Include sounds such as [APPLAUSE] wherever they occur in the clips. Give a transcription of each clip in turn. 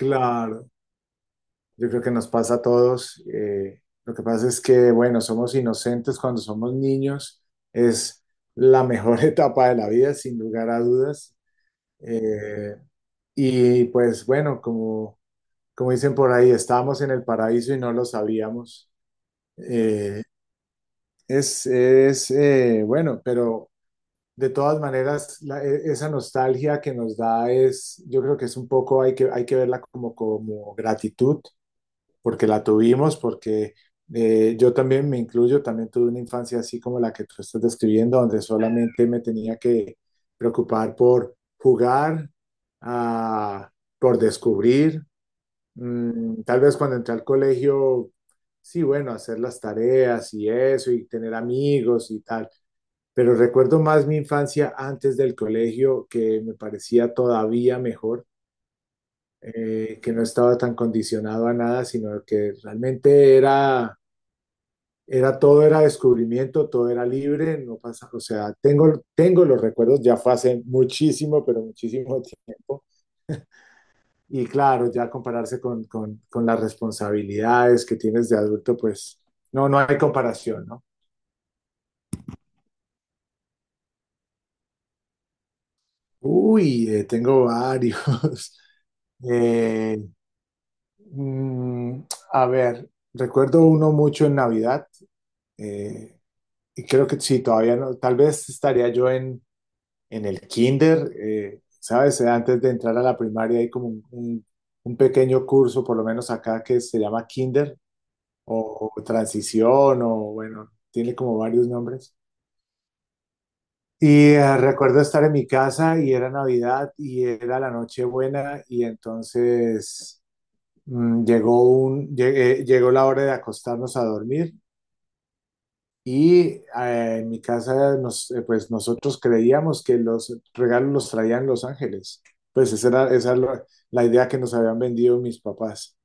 Claro, yo creo que nos pasa a todos. Lo que pasa es que, bueno, somos inocentes cuando somos niños. Es la mejor [LAUGHS] etapa de la vida, sin lugar a dudas. eh, y pues, bueno, como dicen por ahí, estábamos en el paraíso y no lo sabíamos. Eh, es bueno, pero de todas maneras, esa nostalgia que nos da es, yo creo que es un poco, hay que verla como, como gratitud porque la tuvimos, porque yo también me incluyo, también tuve una infancia así como la que tú estás describiendo, donde solamente me tenía que preocupar por jugar, ah, por descubrir. Tal vez cuando entré al colegio, sí, bueno, hacer las tareas y eso, y tener amigos y tal. Pero recuerdo más mi infancia antes del colegio, que me parecía todavía mejor, que no estaba tan condicionado a nada, sino que realmente era todo, era descubrimiento, todo era libre, no pasa, o sea, tengo los recuerdos, ya fue hace muchísimo, pero muchísimo [LAUGHS] tiempo. Y claro, ya compararse con, con las responsabilidades que tienes de adulto, pues no, no hay comparación, ¿no? Uy, tengo varios. [LAUGHS] Eh, mm, a ver, recuerdo uno mucho en Navidad. eh, Y creo que sí, todavía no, tal vez estaría yo en el kinder, ¿sabes? Antes de entrar a la primaria hay como un pequeño curso, por lo menos acá, que se llama kinder o transición o bueno, tiene como varios nombres. Y recuerdo estar en mi casa y era Navidad y era la Nochebuena y entonces llegó la hora de acostarnos a dormir. Y eh, en mi casa, pues nosotros creíamos que los regalos los traían los ángeles. Pues esa era la idea que nos habían vendido mis papás.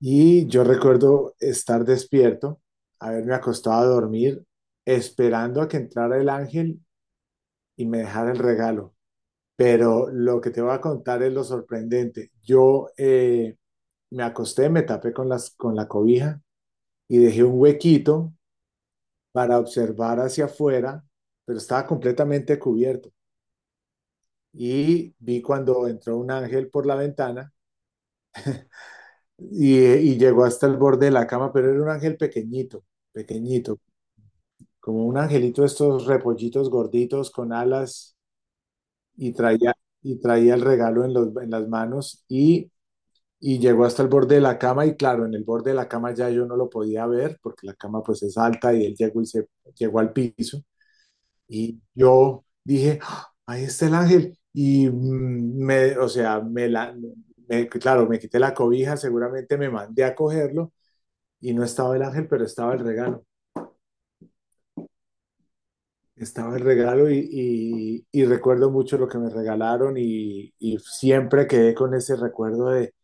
Y yo recuerdo estar despierto, haberme acostado a dormir, esperando a que entrara el ángel y me dejara el regalo. Pero lo que te voy a contar es lo sorprendente. Yo me acosté, me tapé con la cobija y dejé un huequito para observar hacia afuera, pero estaba completamente cubierto. Y vi cuando entró un ángel por la ventana y llegó hasta el borde de la cama, pero era un ángel pequeñito, pequeñito, como un angelito de estos repollitos gorditos con alas y traía, y traía el regalo en las manos y llegó hasta el borde de la cama y claro, en el borde de la cama ya yo no lo podía ver porque la cama pues es alta y él llegó y se llegó al piso. Y yo dije, "Ah, ahí está el ángel". Y o sea, claro, me quité la cobija, seguramente me mandé a cogerlo y no estaba el ángel, pero estaba el regalo. Estaba el regalo y, y recuerdo mucho lo que me regalaron y siempre quedé con ese recuerdo de,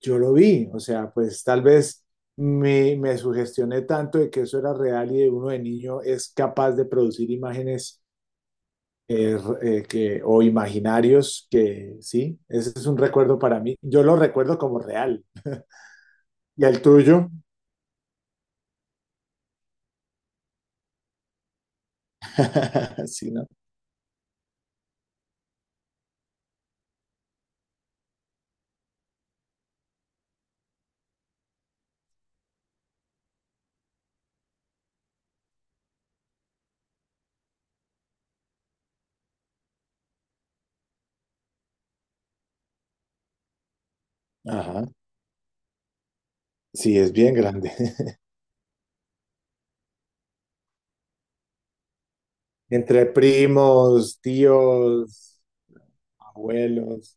yo lo vi, o sea, pues tal vez me sugestioné tanto de que eso era real y de uno de niño es capaz de producir imágenes, que, o imaginarios que sí, ese es un recuerdo para mí. Yo lo recuerdo como real. ¿Y el tuyo? [LAUGHS] Sí, ¿no? Ajá. Sí, es bien grande. [LAUGHS] Entre primos, tíos, abuelos.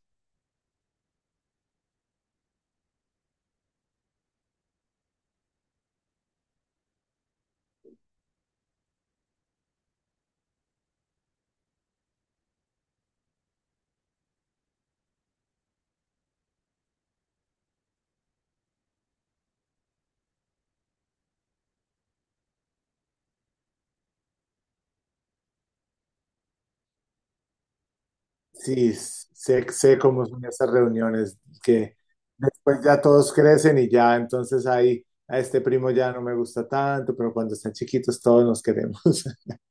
Sí, sé, sé cómo son esas reuniones que después ya todos crecen y ya entonces ahí a este primo ya no me gusta tanto, pero cuando están chiquitos todos nos queremos. [LAUGHS]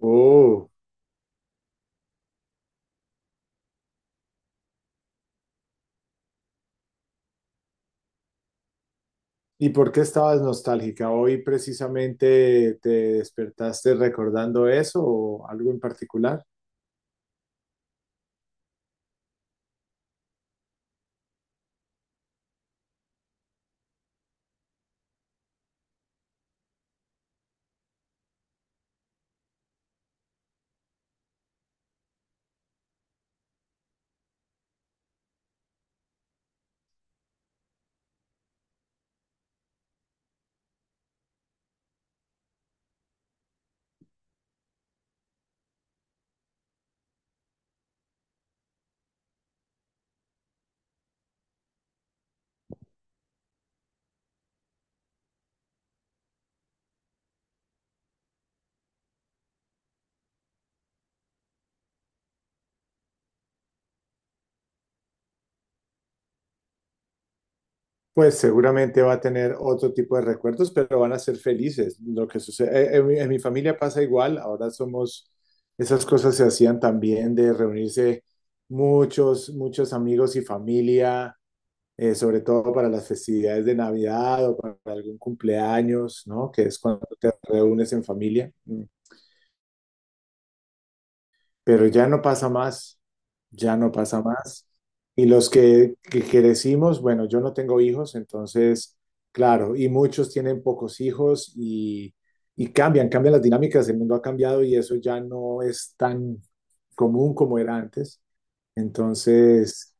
Oh. ¿Y por qué estabas nostálgica? ¿Hoy precisamente te despertaste recordando eso o algo en particular? Pues seguramente va a tener otro tipo de recuerdos, pero van a ser felices. Lo que sucede, en en mi familia pasa igual, ahora somos, esas cosas se hacían también de reunirse muchos, muchos amigos y familia, sobre todo para las festividades de Navidad o para algún cumpleaños, ¿no? Que es cuando te reúnes en familia. Mm. Pero ya no pasa más, ya no pasa más. Y que crecimos, bueno, yo no tengo hijos, entonces, claro, y muchos tienen pocos hijos y cambian, cambian las dinámicas, el mundo ha cambiado y eso ya no es tan común como era antes. Entonces,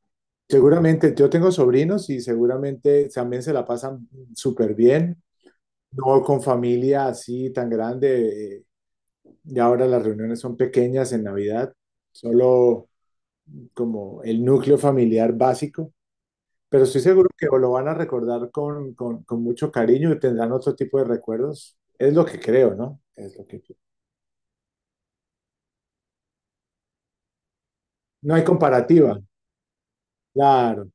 seguramente yo tengo sobrinos y seguramente también se la pasan súper bien, no con familia así tan grande. Y ahora las reuniones son pequeñas en Navidad, solo como el núcleo familiar básico, pero estoy seguro que lo van a recordar con mucho cariño y tendrán otro tipo de recuerdos. Es lo que creo, ¿no? Es lo que creo. No hay comparativa. Claro,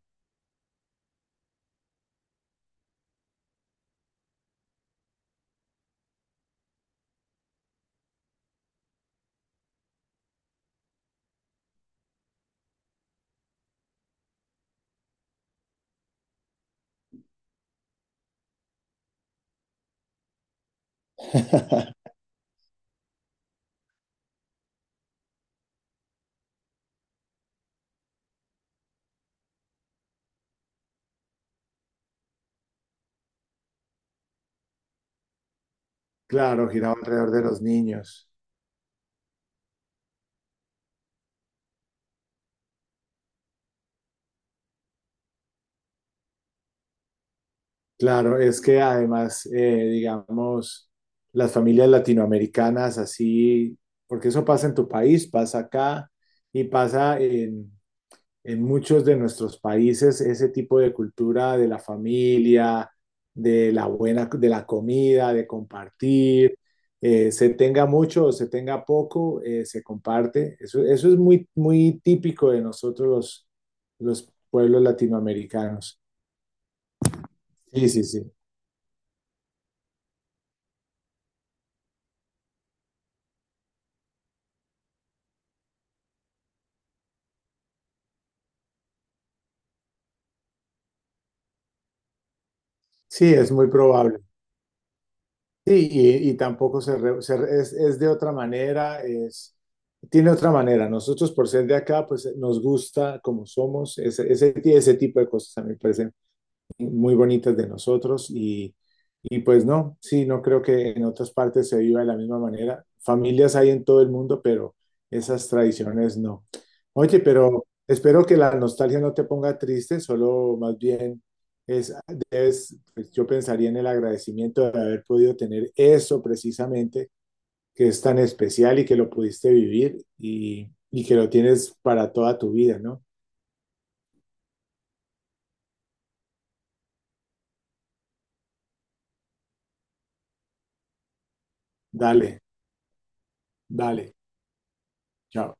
[LAUGHS] claro, giraba alrededor de los niños. Claro, es que además, digamos, las familias latinoamericanas así, porque eso pasa en tu país, pasa acá y pasa en muchos de nuestros países ese tipo de cultura de la familia, de la buena, de la comida, de compartir, se tenga mucho o se tenga poco, se comparte. Eso es muy, muy típico de nosotros los pueblos latinoamericanos. Sí, sí, sí. Sí, es muy probable. Sí, y tampoco es de otra manera, es, tiene otra manera. Nosotros por ser de acá, pues nos gusta como somos, ese tipo de cosas a mí me parecen muy bonitas de nosotros y pues no, sí, no creo que en otras partes se viva de la misma manera. Familias hay en todo el mundo, pero esas tradiciones no. Oye, pero espero que la nostalgia no te ponga triste, solo más bien es, es, pues yo pensaría en el agradecimiento de haber podido tener eso precisamente, que es tan especial y que lo pudiste vivir y que lo tienes para toda tu vida, ¿no? Dale, dale, chao.